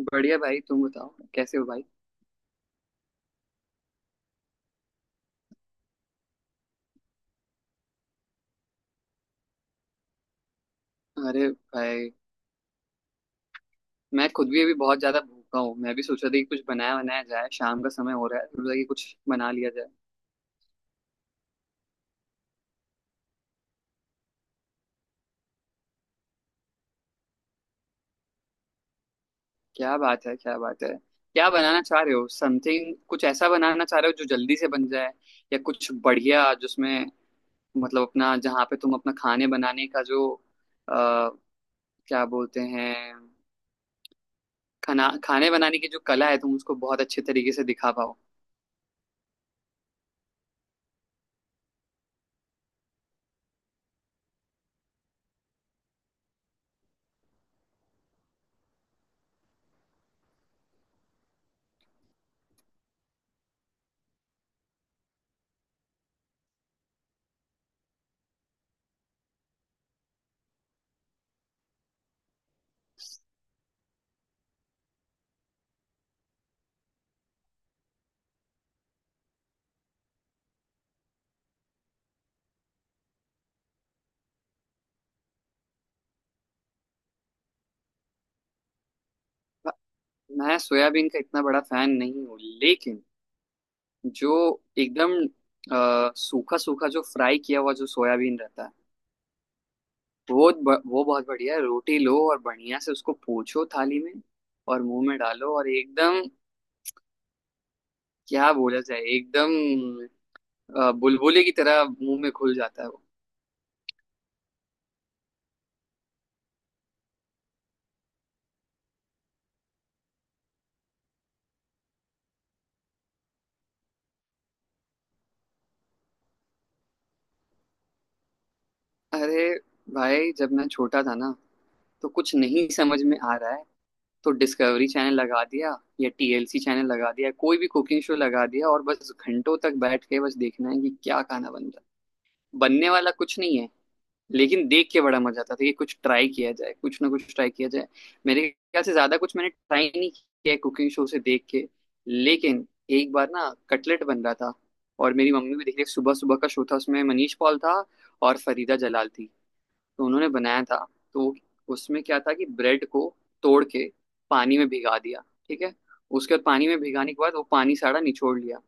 बढ़िया भाई। तुम बताओ, कैसे हो भाई? अरे भाई, मैं खुद भी अभी बहुत ज्यादा भूखा हूँ। मैं भी सोच रहा था कि कुछ बनाया बनाया जाए। शाम का समय हो रहा है, सोच रहा कि कुछ बना लिया जाए। क्या बात है, क्या बात है। क्या बनाना चाह रहे हो? समथिंग कुछ ऐसा बनाना चाह रहे हो जो जल्दी से बन जाए, या कुछ बढ़िया जिसमें मतलब अपना, जहाँ पे तुम अपना खाने बनाने का जो अ, क्या बोलते हैं, खाना खाने बनाने की जो कला है तुम उसको बहुत अच्छे तरीके से दिखा पाओ। मैं सोयाबीन का इतना बड़ा फैन नहीं हूँ, लेकिन जो एकदम सूखा सूखा जो फ्राई किया हुआ जो सोयाबीन रहता है, वो वो बहुत बढ़िया है। रोटी लो और बढ़िया से उसको पोंछो थाली में, और मुंह में डालो, और एकदम क्या बोला जाए, एकदम बुलबुले की तरह मुंह में घुल जाता है वो। अरे भाई, जब मैं छोटा था ना तो कुछ नहीं समझ में आ रहा है, तो डिस्कवरी चैनल लगा दिया या टीएलसी चैनल लगा दिया, कोई भी कुकिंग शो लगा दिया, और बस घंटों तक बैठ के बस देखना है कि क्या खाना बन रहा है, बनने वाला कुछ नहीं है। लेकिन देख के बड़ा मजा आता था कि कुछ ट्राई किया जाए, कुछ ना कुछ ट्राई किया जाए। मेरे ख्याल से ज्यादा कुछ मैंने ट्राई नहीं किया कुकिंग शो से देख के। लेकिन एक बार ना कटलेट बन रहा था, और मेरी मम्मी भी देख रही। सुबह सुबह का शो था, उसमें मनीष पॉल था और फरीदा जलाल थी। तो उन्होंने बनाया था। तो उसमें क्या था कि ब्रेड को तोड़ के पानी में भिगा दिया। ठीक है। उसके बाद पानी में भिगाने के बाद वो पानी सारा निचोड़ लिया।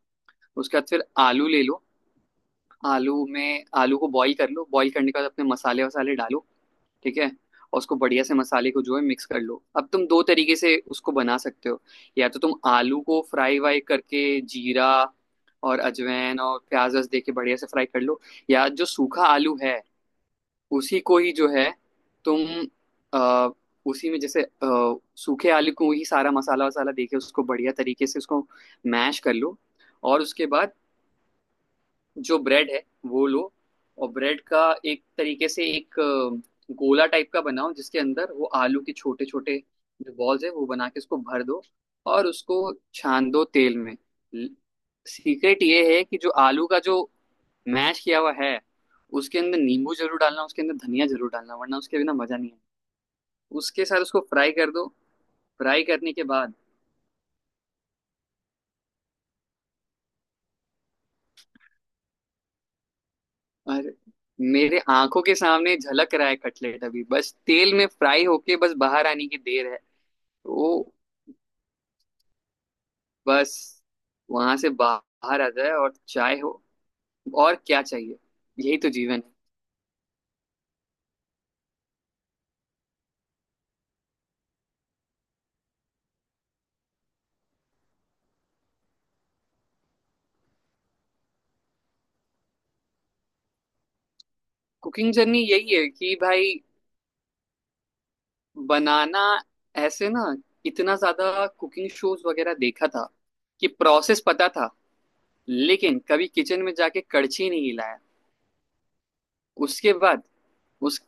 उसके बाद फिर आलू ले लो। आलू में, आलू को बॉईल कर लो। बॉईल करने के बाद अपने मसाले वसाले डालो। ठीक है। और उसको बढ़िया से मसाले को जो है मिक्स कर लो। अब तुम दो तरीके से उसको बना सकते हो। या तो तुम आलू को फ्राई वाई करके जीरा और अजवाइन और प्याज वस दे के बढ़िया से फ्राई कर लो। या जो सूखा आलू है, उसी को ही जो है तुम आ, उसी में जैसे सूखे आलू को ही सारा मसाला वसाला दे के उसको बढ़िया तरीके से उसको मैश कर लो। और उसके बाद जो ब्रेड है वो लो। और ब्रेड का एक तरीके से एक गोला टाइप का बनाओ, जिसके अंदर वो आलू के छोटे छोटे जो बॉल्स है वो बना के उसको भर दो। और उसको छान दो तेल में। सीक्रेट ये है कि जो आलू का जो मैश किया हुआ है, उसके अंदर नींबू जरूर डालना, उसके अंदर धनिया जरूर डालना, वरना उसके बिना मजा नहीं है। उसके साथ उसको फ्राई कर दो। फ्राई करने के बाद, और मेरे आंखों के सामने झलक रहा है कटलेट, अभी बस तेल में फ्राई होके बस बाहर आने की देर है। तो बस वहां से बाहर आ जाए और चाय हो, और क्या चाहिए? यही तो जीवन है। कुकिंग जर्नी यही है कि भाई, बनाना, ऐसे ना इतना ज्यादा कुकिंग शोज वगैरह देखा था कि प्रोसेस पता था। लेकिन कभी किचन में जाके कड़छी नहीं हिलाया। उसके बाद उस,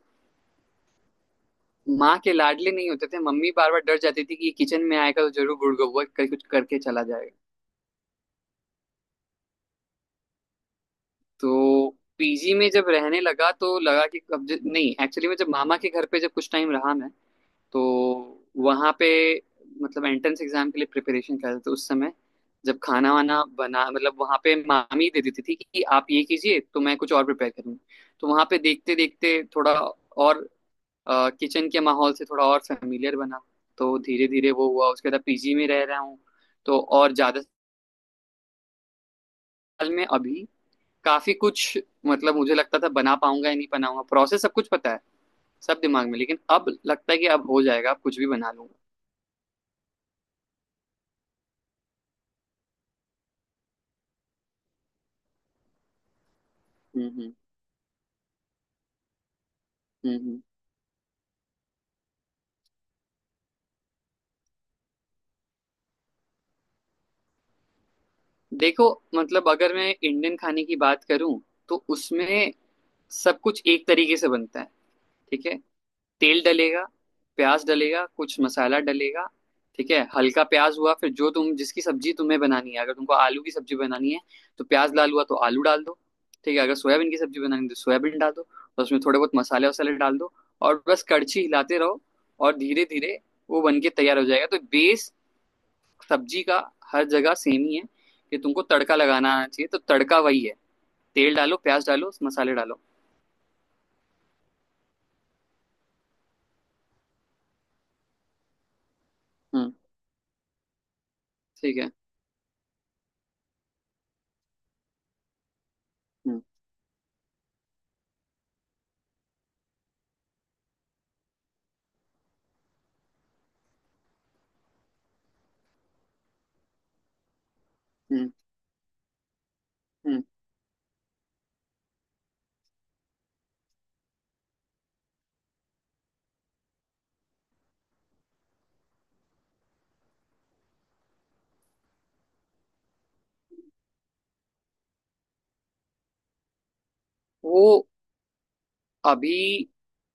माँ के लाडले नहीं होते थे, मम्मी बार बार डर जाती थी कि ये किचन में आएगा तो जरूर गुड़गुड़ करके कुछ करके चला जाएगा। तो पीजी में जब रहने लगा तो लगा कि अब नहीं, एक्चुअली में जब मामा के घर पे जब कुछ टाइम रहा मैं, तो वहाँ पे मतलब एंट्रेंस एग्जाम के लिए प्रिपरेशन कर रहे थे उस समय। जब खाना वाना बना, मतलब वहाँ पे मामी दे देती थी कि आप ये कीजिए तो मैं कुछ और प्रिपेयर करूँगी। तो वहाँ पे देखते देखते थोड़ा और किचन के माहौल से थोड़ा और फेमिलियर बना। तो धीरे धीरे वो हुआ। उसके बाद पीजी में रह रहा हूँ तो और ज्यादा साल में अभी काफी कुछ, मतलब मुझे लगता था बना पाऊंगा या नहीं बनाऊंगा, प्रोसेस सब कुछ पता है, सब दिमाग में। लेकिन अब लगता है कि अब हो जाएगा, अब कुछ भी बना लूंगा। हम्म, हम्म, हम्म, देखो, मतलब अगर मैं इंडियन खाने की बात करूं तो उसमें सब कुछ एक तरीके से बनता है। ठीक है। तेल डलेगा, प्याज डलेगा, कुछ मसाला डलेगा। ठीक है, हल्का प्याज हुआ, फिर जो तुम, जिसकी सब्जी तुम्हें बनानी है, अगर तुमको आलू की सब्जी बनानी है तो प्याज लाल हुआ तो आलू डाल दो। ठीक है, अगर सोयाबीन की सब्जी बनानी है तो सोयाबीन डाल दो, और उसमें थोड़े बहुत मसाले वसाले डाल दो, और बस कड़छी हिलाते रहो, और धीरे धीरे वो बन के तैयार हो जाएगा। तो बेस सब्जी का हर जगह सेम ही है, कि तुमको तड़का लगाना आना चाहिए। तो तड़का वही है, तेल डालो, प्याज डालो, मसाले डालो। हम्म। ठीक है। हम्म, हम्म, हम्म। वो अभी,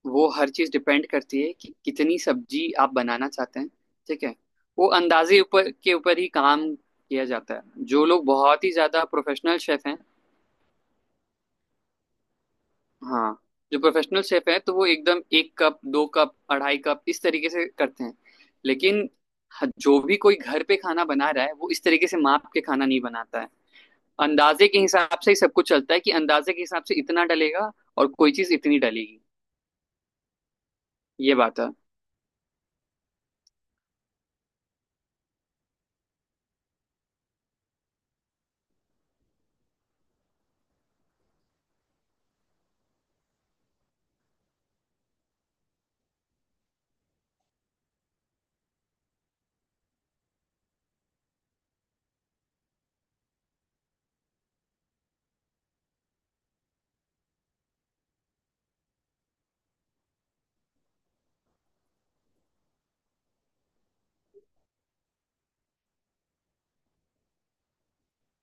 वो हर चीज डिपेंड करती है कि कितनी सब्जी आप बनाना चाहते हैं। ठीक है, वो अंदाजे ऊपर के ऊपर ही काम किया जाता है। जो लोग बहुत ही ज्यादा प्रोफेशनल शेफ हैं, हाँ, जो प्रोफेशनल शेफ हैं, तो वो एकदम एक कप, दो कप, अढ़ाई कप, इस तरीके से करते हैं। लेकिन जो भी कोई घर पे खाना बना रहा है वो इस तरीके से माप के खाना नहीं बनाता है। अंदाजे के हिसाब से ही सब कुछ चलता है, कि अंदाजे के हिसाब से इतना डलेगा और कोई चीज इतनी डलेगी। ये बात है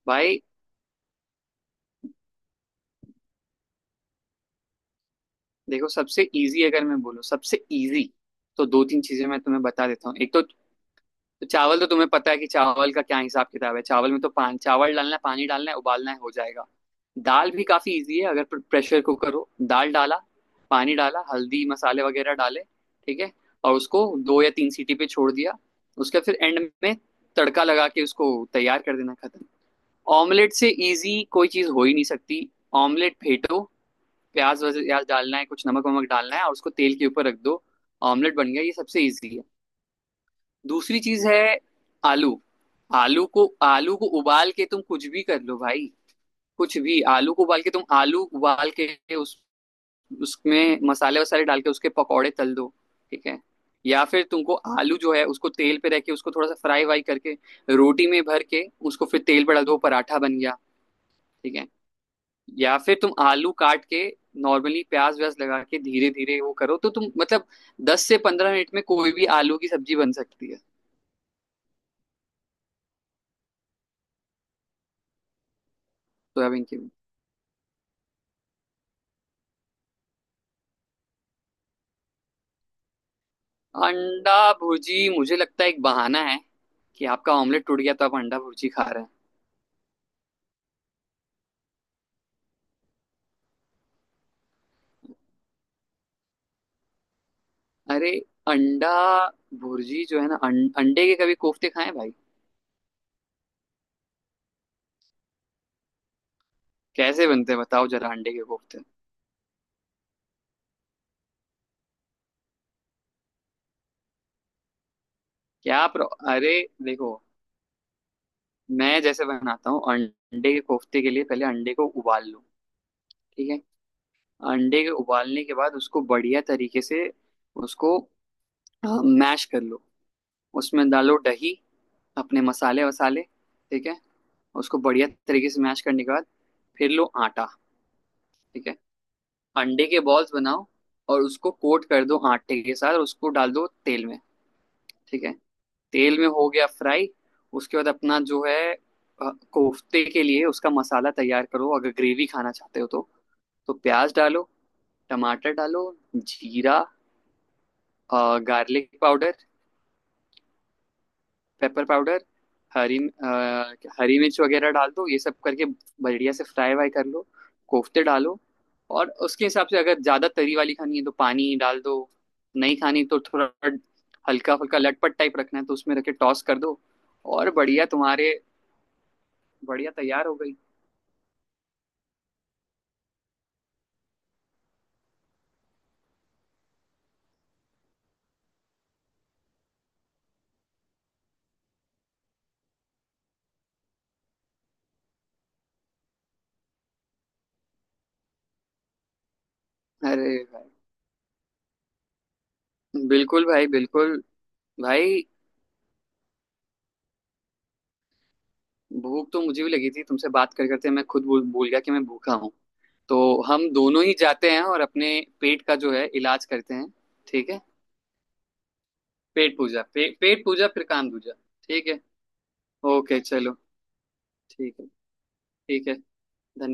भाई। देखो, सबसे इजी अगर मैं बोलूँ, सबसे इजी तो दो तीन चीजें मैं तुम्हें बता देता हूँ। एक तो चावल, तो तुम्हें पता है कि चावल का क्या हिसाब किताब है। चावल में तो पान, चावल डालना है, पानी डालना है, उबालना है, हो जाएगा। दाल भी काफी इजी है। अगर प्रेशर कुकर हो, दाल डाला, पानी डाला, हल्दी मसाले वगैरह डाले, ठीक है, और उसको दो या तीन सीटी पे छोड़ दिया, उसके फिर एंड में तड़का लगा के उसको तैयार कर देना, खत्म। ऑमलेट से इजी कोई चीज हो ही नहीं सकती। ऑमलेट फेंटो, प्याज डालना है, कुछ नमक वमक डालना है, और उसको तेल के ऊपर रख दो। ऑमलेट बन गया। ये सबसे इजी है। दूसरी चीज है आलू। आलू को उबाल के तुम कुछ भी कर लो भाई। कुछ भी, आलू को उबाल के तुम, आलू उबाल के उस, उसमें मसाले वसाले डाल के उसके पकौड़े तल दो। ठीक है। या फिर तुमको आलू जो है उसको तेल पे रख के उसको थोड़ा सा फ्राई वाई करके रोटी में भर के उसको फिर तेल पे डाल दो, पराठा बन गया। ठीक है। या फिर तुम आलू काट के नॉर्मली प्याज व्याज लगा के धीरे धीरे वो करो तो तुम, मतलब 10 से 15 मिनट में कोई भी आलू की सब्जी बन सकती है। सोयाबीन की भी। अंडा भुर्जी मुझे लगता है एक बहाना है, कि आपका ऑमलेट टूट गया तो आप अंडा भुर्जी खा रहे हैं। अरे, अंडा भुर्जी जो है ना, अंडे के कभी कोफ्ते खाए भाई? कैसे बनते हैं, बताओ जरा अंडे के कोफ्ते। क्या आप, अरे देखो, मैं जैसे बनाता हूँ अंडे के कोफ्ते के लिए, पहले अंडे को उबाल लो। ठीक है। अंडे के उबालने के बाद उसको बढ़िया तरीके से उसको मैश कर लो। उसमें डालो दही, अपने मसाले वसाले। ठीक है। उसको बढ़िया तरीके से मैश करने के बाद फिर लो आटा। ठीक है। अंडे के बॉल्स बनाओ और उसको कोट कर दो आटे के साथ, और उसको डाल दो तेल में। ठीक है। तेल में हो गया फ्राई। उसके बाद अपना जो है कोफ्ते के लिए उसका मसाला तैयार करो, अगर ग्रेवी खाना चाहते हो तो। तो प्याज डालो, टमाटर डालो, जीरा, गार्लिक पाउडर, पेपर पाउडर, हरी अ, हरी मिर्च वगैरह डाल दो। ये सब करके बढ़िया से फ्राई वाई कर लो, कोफ्ते डालो, और उसके हिसाब से अगर ज़्यादा तरी वाली खानी है तो पानी डाल दो। नहीं खानी तो थोड़ा हल्का हल्का लटपट टाइप रखना है तो उसमें रख के टॉस कर दो, और बढ़िया तुम्हारे, बढ़िया तैयार हो गई। अरे भाई, बिल्कुल भाई, बिल्कुल भाई। भूख तो मुझे भी लगी थी, तुमसे बात कर करते मैं खुद भूल भूल गया कि मैं भूखा हूँ। तो हम दोनों ही जाते हैं और अपने पेट का जो है इलाज करते हैं। ठीक है। पेट पूजा, पेट पूजा फिर काम दूजा। ठीक है। ओके चलो। ठीक है। ठीक है। धन्यवाद।